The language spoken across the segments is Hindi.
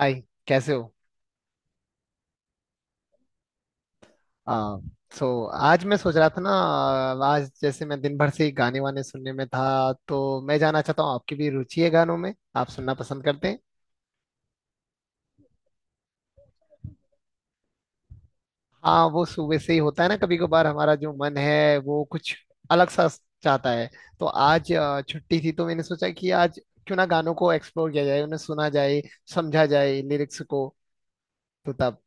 हाय। कैसे हो? आ, सो आज मैं सोच रहा था ना, आज जैसे मैं दिन भर से ही गाने वाने सुनने में था, तो मैं जानना चाहता हूँ, आपकी भी रुचि है गानों में? आप सुनना पसंद करते हैं? हाँ, वो सुबह से ही होता है ना, कभी कभार हमारा जो मन है वो कुछ अलग सा चाहता है। तो आज छुट्टी थी, तो मैंने सोचा कि आज क्यों ना गानों को एक्सप्लोर किया जाए, उन्हें सुना जाए, समझा जाए लिरिक्स को। तो तब...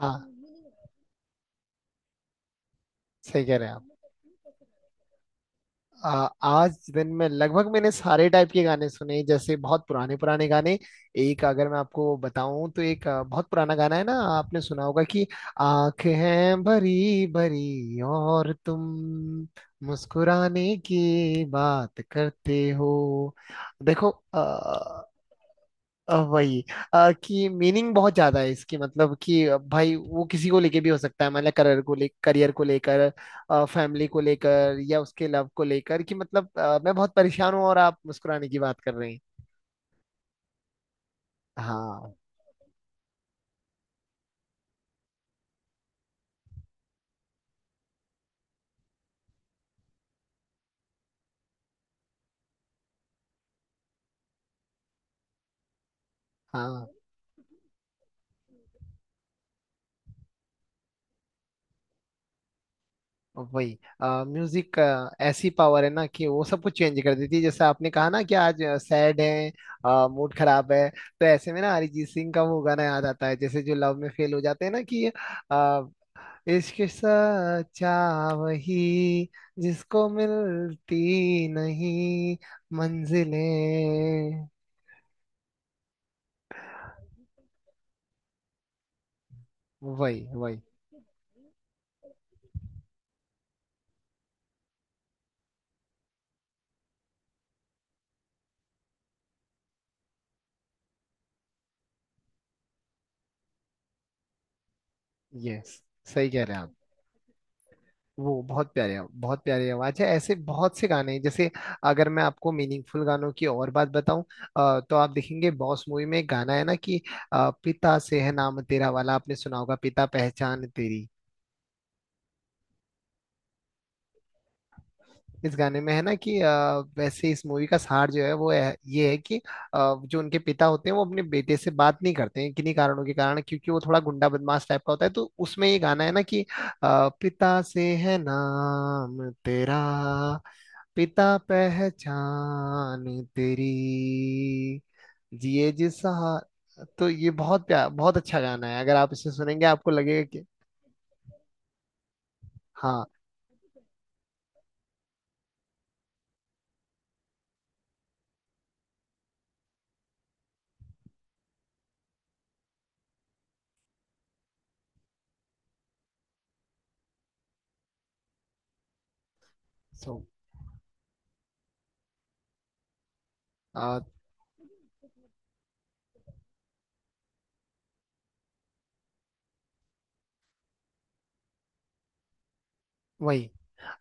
हाँ, सही कह रहे हैं आप। आ, आज दिन में लगभग मैंने सारे टाइप के गाने सुने, जैसे बहुत पुराने पुराने गाने। एक, अगर मैं आपको बताऊं, तो एक बहुत पुराना गाना है ना, आपने सुना होगा कि आंखें भरी भरी और तुम मुस्कुराने की बात करते हो। देखो, वही, कि मीनिंग बहुत ज्यादा है इसकी। मतलब कि भाई, वो किसी को लेके भी हो सकता है, मतलब करियर को लेकर, फैमिली को लेकर, या उसके लव को लेकर, कि मतलब मैं बहुत परेशान हूँ और आप मुस्कुराने की बात कर रहे हैं। हाँ, हाँ। वही म्यूजिक। ऐसी पावर है ना कि वो सब कुछ चेंज कर देती है। जैसे आपने कहा ना कि आज सैड है, मूड खराब है, तो ऐसे में ना अरिजीत सिंह का वो गाना याद आता है, जैसे जो लव में फेल हो जाते हैं ना कि इश्क सच्चा। वही, जिसको मिलती नहीं मंजिलें। वही वही। यस, सही कह रहे हैं आप। वो बहुत प्यारे, बहुत प्यारी आवाज है, ऐसे बहुत से गाने हैं। जैसे अगर मैं आपको मीनिंगफुल गानों की और बात बताऊं, तो आप देखेंगे, बॉस मूवी में एक गाना है ना कि पिता से है नाम तेरा वाला, आपने सुना होगा, पिता पहचान तेरी। इस गाने में है ना कि वैसे इस मूवी का सार जो है वो है, ये है कि जो उनके पिता होते हैं वो अपने बेटे से बात नहीं करते हैं, किन्हीं कारणों के कारण, क्योंकि वो थोड़ा गुंडा बदमाश टाइप का होता है। तो उसमें ये गाना है ना कि पिता से है नाम तेरा, पिता पहचान तेरी, जिए जिस सहा- तो ये बहुत प्यार, बहुत अच्छा गाना है, अगर आप इसे सुनेंगे आपको लगेगा कि... हाँ। सो आ, वही,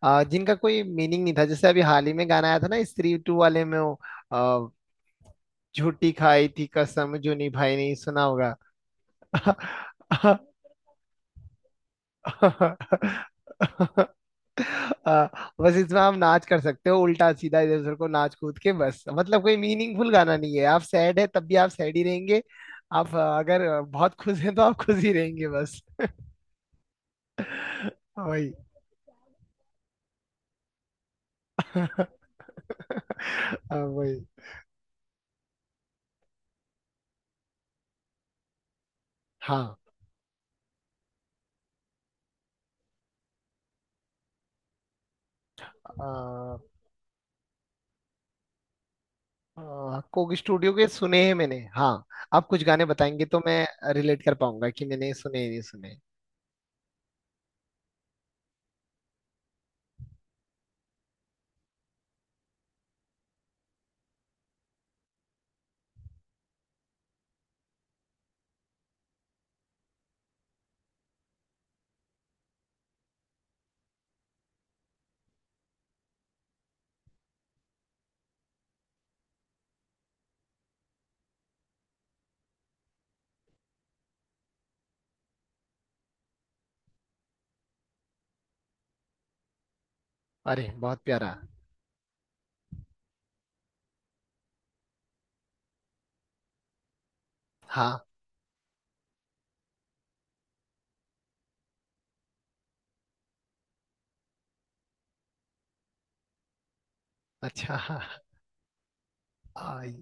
जिनका कोई मीनिंग नहीं था, जैसे अभी हाल ही में गाना आया था ना स्त्री टू वाले में वो आ, झूठी खाई थी कसम जो निभाई, नहीं सुना होगा? आ, बस इसमें आप नाच कर सकते हो, उल्टा सीधा इधर उधर को नाच कूद के, बस। मतलब कोई मीनिंगफुल गाना नहीं है। आप सैड है तब भी आप सैड ही रहेंगे। आप अगर बहुत खुश हैं तो आप खुश ही रहेंगे, बस। वही। वही। हाँ, कोक स्टूडियो के सुने हैं मैंने, हाँ। आप कुछ गाने बताएंगे तो मैं रिलेट कर पाऊंगा कि मैंने सुने या नहीं सुने। अरे बहुत प्यारा। हाँ। अच्छा। हाँ। हाँ,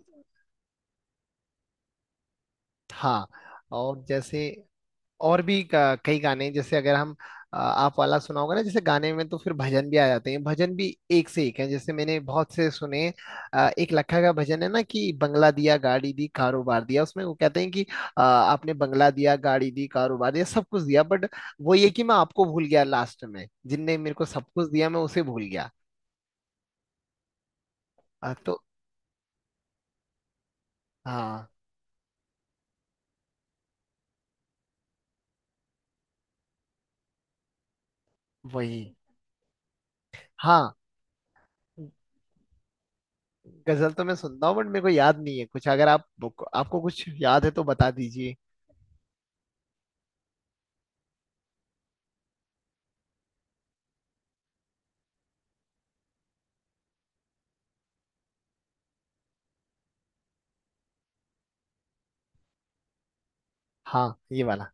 हाँ, और जैसे और भी कई गाने हैं। जैसे अगर हम, आप वाला सुना होगा ना, जैसे गाने में तो फिर भजन भी आ जाते हैं, भजन भी एक से एक है, जैसे मैंने बहुत से सुने हैं। एक लखा का भजन है ना कि बंगला दिया गाड़ी दी कारोबार दिया, उसमें वो कहते हैं कि आपने बंगला दिया गाड़ी दी कारोबार दिया, सब कुछ दिया, बट वो ये कि मैं आपको भूल गया लास्ट में, जिनने मेरे को सब कुछ दिया मैं उसे भूल गया। तो... हाँ। वही। हाँ, गजल तो मैं सुनता हूँ, बट मेरे को याद नहीं है कुछ। अगर आप... आपको कुछ याद है तो बता दीजिए। हाँ, ये वाला।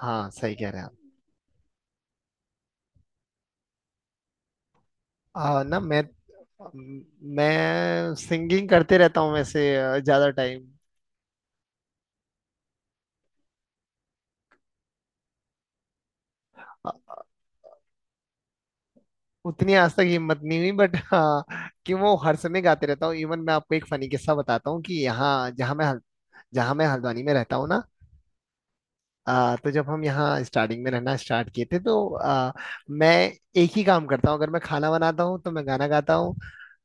हाँ, सही कह रहे हैं आप। आ, ना मैं सिंगिंग करते रहता हूँ वैसे, ज्यादा टाइम। उतनी आज तक हिम्मत नहीं हुई, बट हाँ, कि वो हर समय गाते रहता हूँ। इवन मैं आपको एक फनी किस्सा बताता हूँ, कि यहाँ जहाँ मैं जहाँ मैं हल्द्वानी में रहता हूँ ना, तो जब हम यहाँ स्टार्टिंग में रहना स्टार्ट किए थे तो मैं एक ही काम करता हूँ, अगर मैं खाना बनाता हूँ तो मैं गाना गाता हूँ,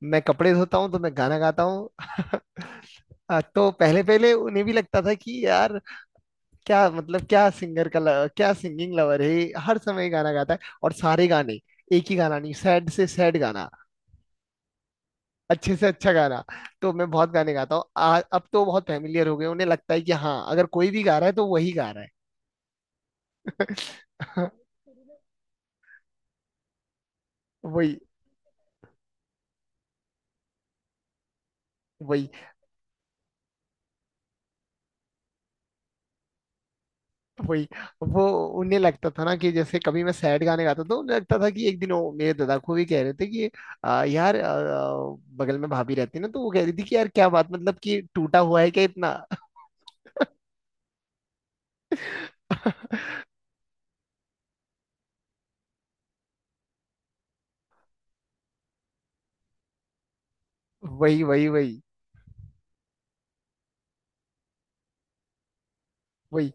मैं कपड़े धोता हूँ तो मैं गाना गाता हूँ। तो पहले पहले उन्हें भी लगता था कि यार, क्या मतलब, क्या सिंगर का ल- क्या सिंगिंग लवर है ये, हर समय गाना गाता है। और सारे गाने, एक ही गाना नहीं, सैड से सैड गाना, अच्छे से अच्छा गाना। तो मैं बहुत गाने गाता हूँ। अब तो बहुत फैमिलियर हो गए, उन्हें लगता है कि हाँ, अगर कोई भी गा रहा है तो वही गा रहा है। वही वही वही। वो उन्हें लगता था ना कि जैसे कभी मैं सैड गाने गाता था, उन्हें लगता था कि एक दिन वो मेरे दादा को भी कह रहे थे कि यार आ, आ, बगल में भाभी रहती ना, तो वो कह रही थी कि यार क्या बात, मतलब कि टूटा हुआ है क्या इतना? वही वही वही वही।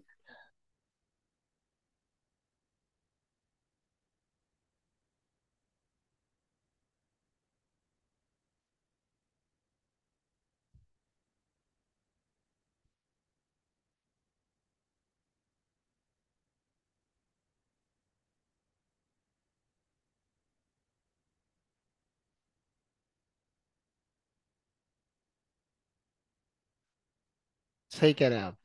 सही कह रहे हैं आप।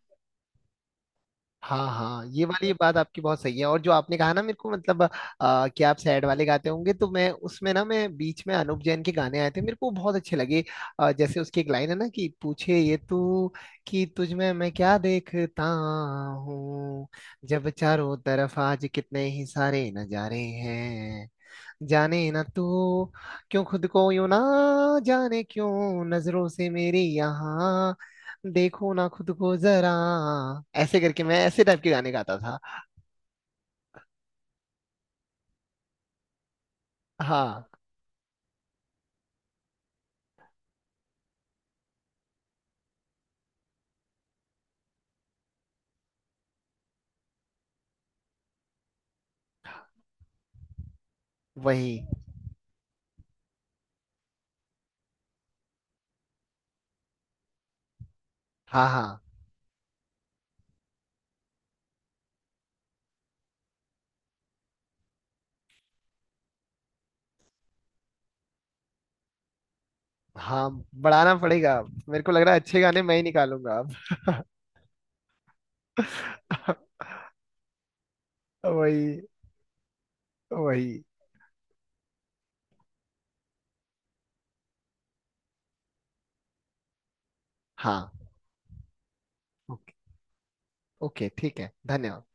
हाँ, हाँ, ये वाली बात आपकी बहुत सही है। और जो आपने कहा ना मेरे को, मतलब कि आप सैड वाले गाते होंगे, तो मैं उसमें ना, मैं बीच में अनूप जैन के गाने आए थे, मेरे को बहुत अच्छे लगे। जैसे उसकी एक लाइन है ना कि पूछे ये तू कि तुझ में मैं क्या देखता हूँ, जब चारों तरफ आज कितने ही सारे नजारे हैं, जाने ना तू, क्यों खुद को यूं, ना जाने क्यों नजरों से मेरी यहाँ देखो ना खुद को जरा। ऐसे करके मैं ऐसे टाइप के गाने गाता था। हाँ, वही। हाँ, हाँ, हाँ, बढ़ाना पड़ेगा। मेरे को लग रहा है अच्छे गाने मैं ही निकालूंगा। अब... वही वही। हाँ। ओके। ओके, ठीक है, धन्यवाद।